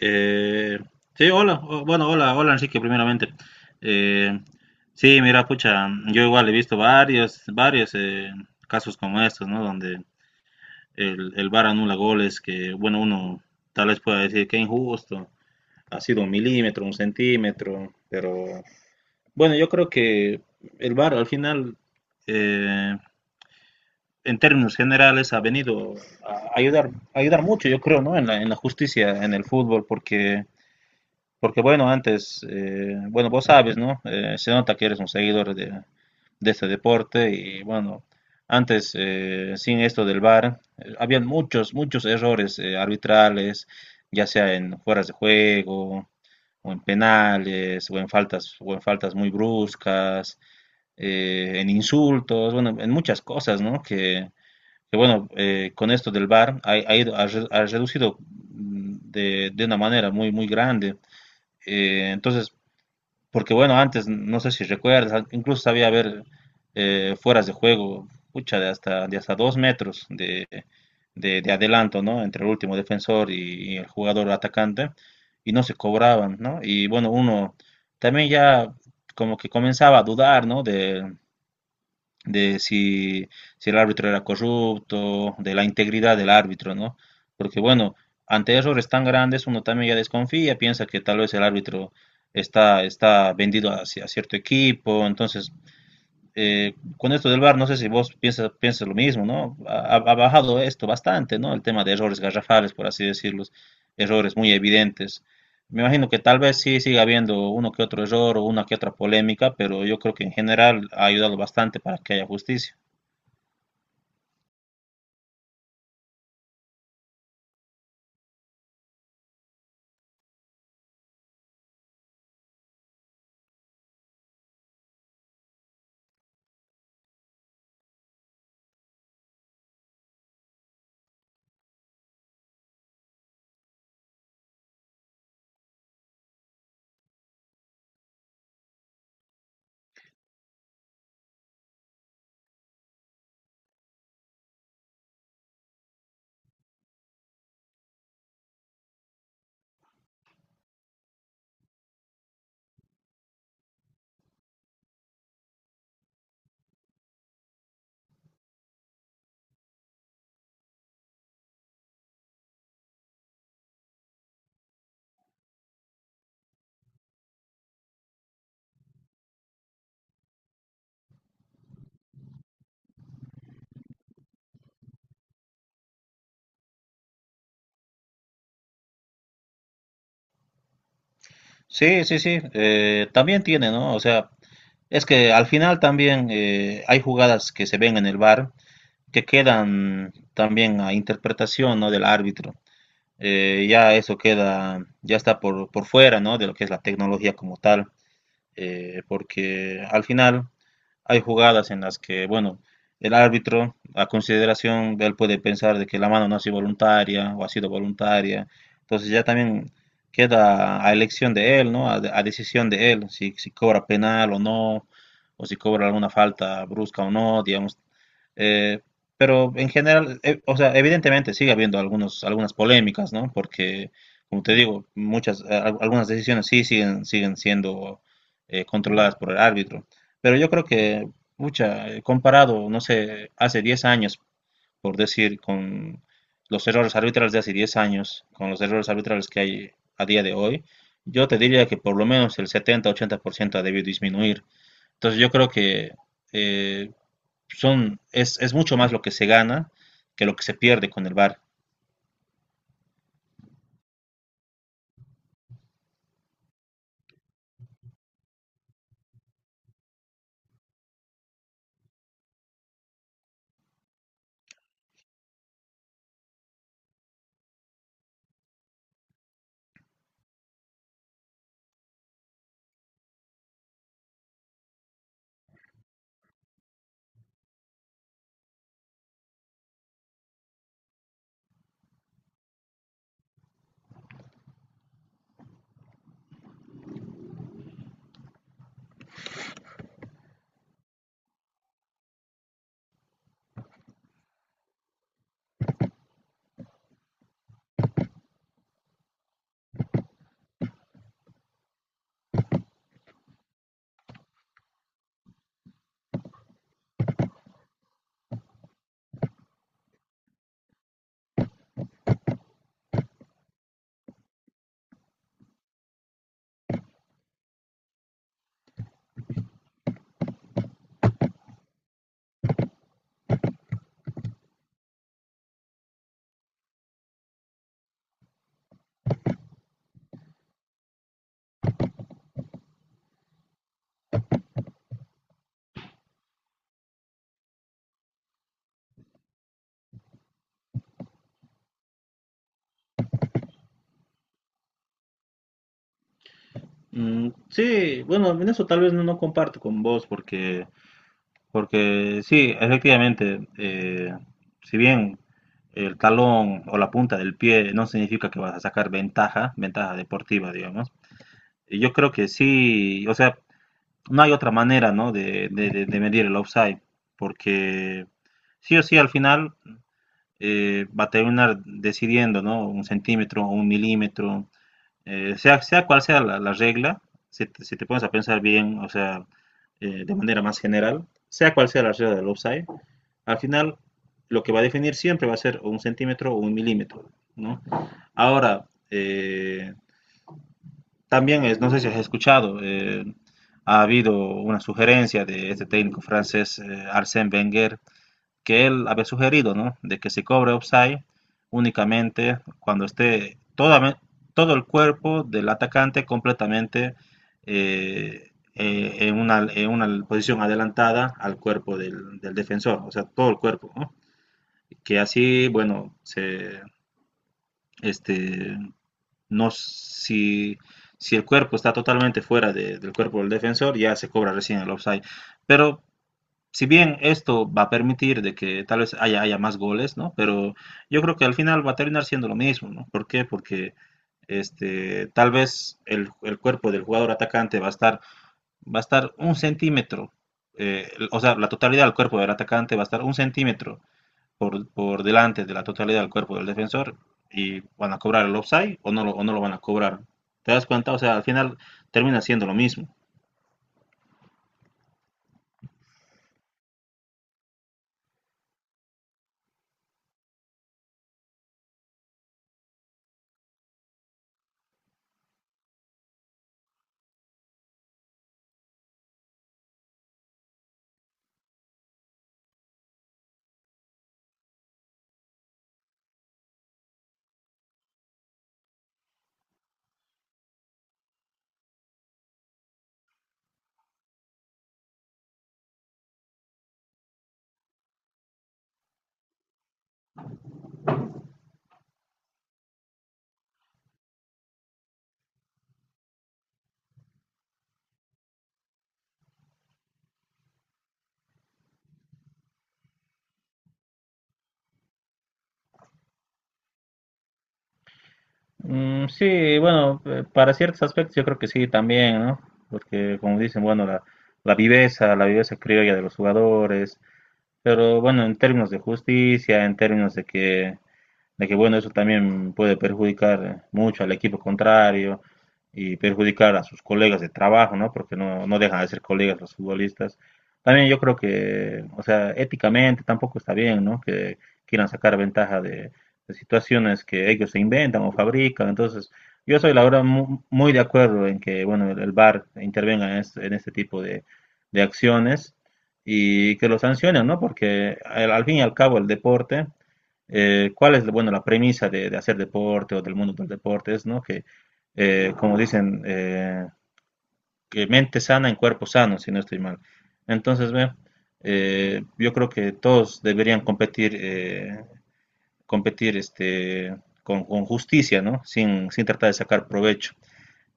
Eh, sí, Hola, hola, Enrique, primeramente. Eh, sí, Mira, pucha, yo igual he visto varios casos como estos, ¿no? Donde el VAR anula goles que, bueno, uno tal vez pueda decir que injusto, ha sido un milímetro, un centímetro, pero bueno, yo creo que el VAR al final, eh, en términos generales, ha venido a ayudar mucho, yo creo, ¿no? En en la justicia, en el fútbol, porque... Porque bueno, antes, bueno, vos sabes, ¿no? Se nota que eres un seguidor de este deporte y bueno, antes, sin esto del VAR, habían muchos errores arbitrales, ya sea en fueras de juego, o en penales, o en faltas muy bruscas, en insultos, bueno, en muchas cosas, ¿no? Que, bueno, con esto del VAR ha ido, ha reducido de una manera muy grande. Eh, entonces, Porque bueno, antes, no sé si recuerdas, incluso sabía haber fueras de juego, pucha, de hasta dos metros de adelanto, ¿no? Entre el último defensor y el jugador atacante, y no se cobraban, ¿no? Y bueno, uno también ya como que comenzaba a dudar, ¿no? De si, si el árbitro era corrupto, de la integridad del árbitro, ¿no? Porque bueno, ante errores tan grandes uno también ya desconfía, piensa que tal vez el árbitro está vendido hacia cierto equipo, entonces con esto del VAR, no sé si vos piensas lo mismo, ¿no? Ha bajado esto bastante, ¿no? El tema de errores garrafales, por así decirlos, errores muy evidentes. Me imagino que tal vez sí siga habiendo uno que otro error o una que otra polémica, pero yo creo que en general ha ayudado bastante para que haya justicia. Sí, sí, sí, también tiene, ¿no? O sea, es que al final también hay jugadas que se ven en el VAR que quedan también a interpretación, ¿no? Del árbitro. Ya eso queda, ya está por fuera, ¿no? De lo que es la tecnología como tal, porque al final hay jugadas en las que, bueno, el árbitro, a consideración de él, puede pensar de que la mano no ha sido voluntaria o ha sido voluntaria. Entonces ya también queda a elección de él, ¿no? A decisión de él, si cobra penal o no, o si cobra alguna falta brusca o no, digamos. Eh, pero en general, o sea, evidentemente sigue habiendo algunas polémicas, ¿no? Porque, como te digo, muchas, algunas decisiones sí siguen siendo controladas por el árbitro. Pero yo creo que, pucha, comparado, no sé, hace 10 años, por decir, con los errores arbitrales de hace 10 años, con los errores arbitrales que hay a día de hoy, yo te diría que por lo menos el 70-80% ha debido disminuir. Entonces yo creo que eh, es mucho más lo que se gana que lo que se pierde con el VAR. Mm, sí, bueno, en eso tal vez no, no comparto con vos porque Porque sí, efectivamente, si bien el talón o la punta del pie no significa que vas a sacar ventaja, ventaja deportiva, digamos, y yo creo que sí, o sea, no hay otra manera, ¿no? De, de medir el offside, porque sí o sí al final va a terminar decidiendo, ¿no? Un centímetro o un milímetro, sea cual sea la regla, si te pones a pensar bien, o sea, de manera más general, sea cual sea la regla del offside, al final lo que va a definir siempre va a ser un centímetro o un milímetro, ¿no? Ahora, también es, no sé si has escuchado, ha habido una sugerencia de este técnico francés, Arsène Wenger, que él había sugerido, ¿no? De que se cobre offside únicamente cuando esté todo el cuerpo del atacante completamente en una posición adelantada al cuerpo del defensor, o sea, todo el cuerpo, ¿no? Que así, bueno, se, este, no, si, si el cuerpo está totalmente fuera de, del cuerpo del defensor, ya se cobra recién el offside. Pero si bien esto va a permitir de que tal vez haya más goles, ¿no? Pero yo creo que al final va a terminar siendo lo mismo, ¿no? ¿Por qué? Porque este, tal vez el cuerpo del jugador atacante va a estar un centímetro, o sea, la totalidad del cuerpo del atacante va a estar un centímetro por delante de la totalidad del cuerpo del defensor y van a cobrar el offside o no lo van a cobrar. ¿Te das cuenta? O sea, al final termina siendo lo mismo. Mm, sí, bueno, para ciertos aspectos yo creo que sí también, ¿no? Porque como dicen, bueno, la viveza criolla de los jugadores, pero bueno, en términos de justicia, en términos de que bueno, eso también puede perjudicar mucho al equipo contrario y perjudicar a sus colegas de trabajo, ¿no? Porque no dejan de ser colegas los futbolistas. También yo creo que, o sea, éticamente tampoco está bien, ¿no? Que quieran sacar ventaja de situaciones que ellos se inventan o fabrican. Entonces, yo soy la verdad muy de acuerdo en que, bueno, el VAR intervenga en este tipo de acciones y que lo sancionen, ¿no? Porque al fin y al cabo el deporte cuál es, bueno, la premisa de hacer deporte o del mundo del deporte, es, ¿no? Que, eh, como dicen, eh, que mente sana en cuerpo sano, si no estoy mal. Entonces, ve, yo creo que todos deberían competir, competir este, con justicia, ¿no? Sin tratar de sacar provecho.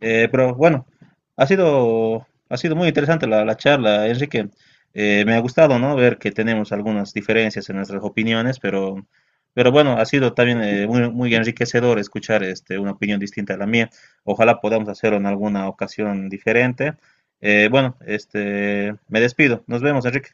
Eh, pero bueno, Ha sido muy interesante la charla, Enrique. Me ha gustado, ¿no? Ver que tenemos algunas diferencias en nuestras opiniones, pero bueno, ha sido también muy enriquecedor escuchar este, una opinión distinta a la mía. Ojalá podamos hacerlo en alguna ocasión diferente. Me despido. Nos vemos, Enrique.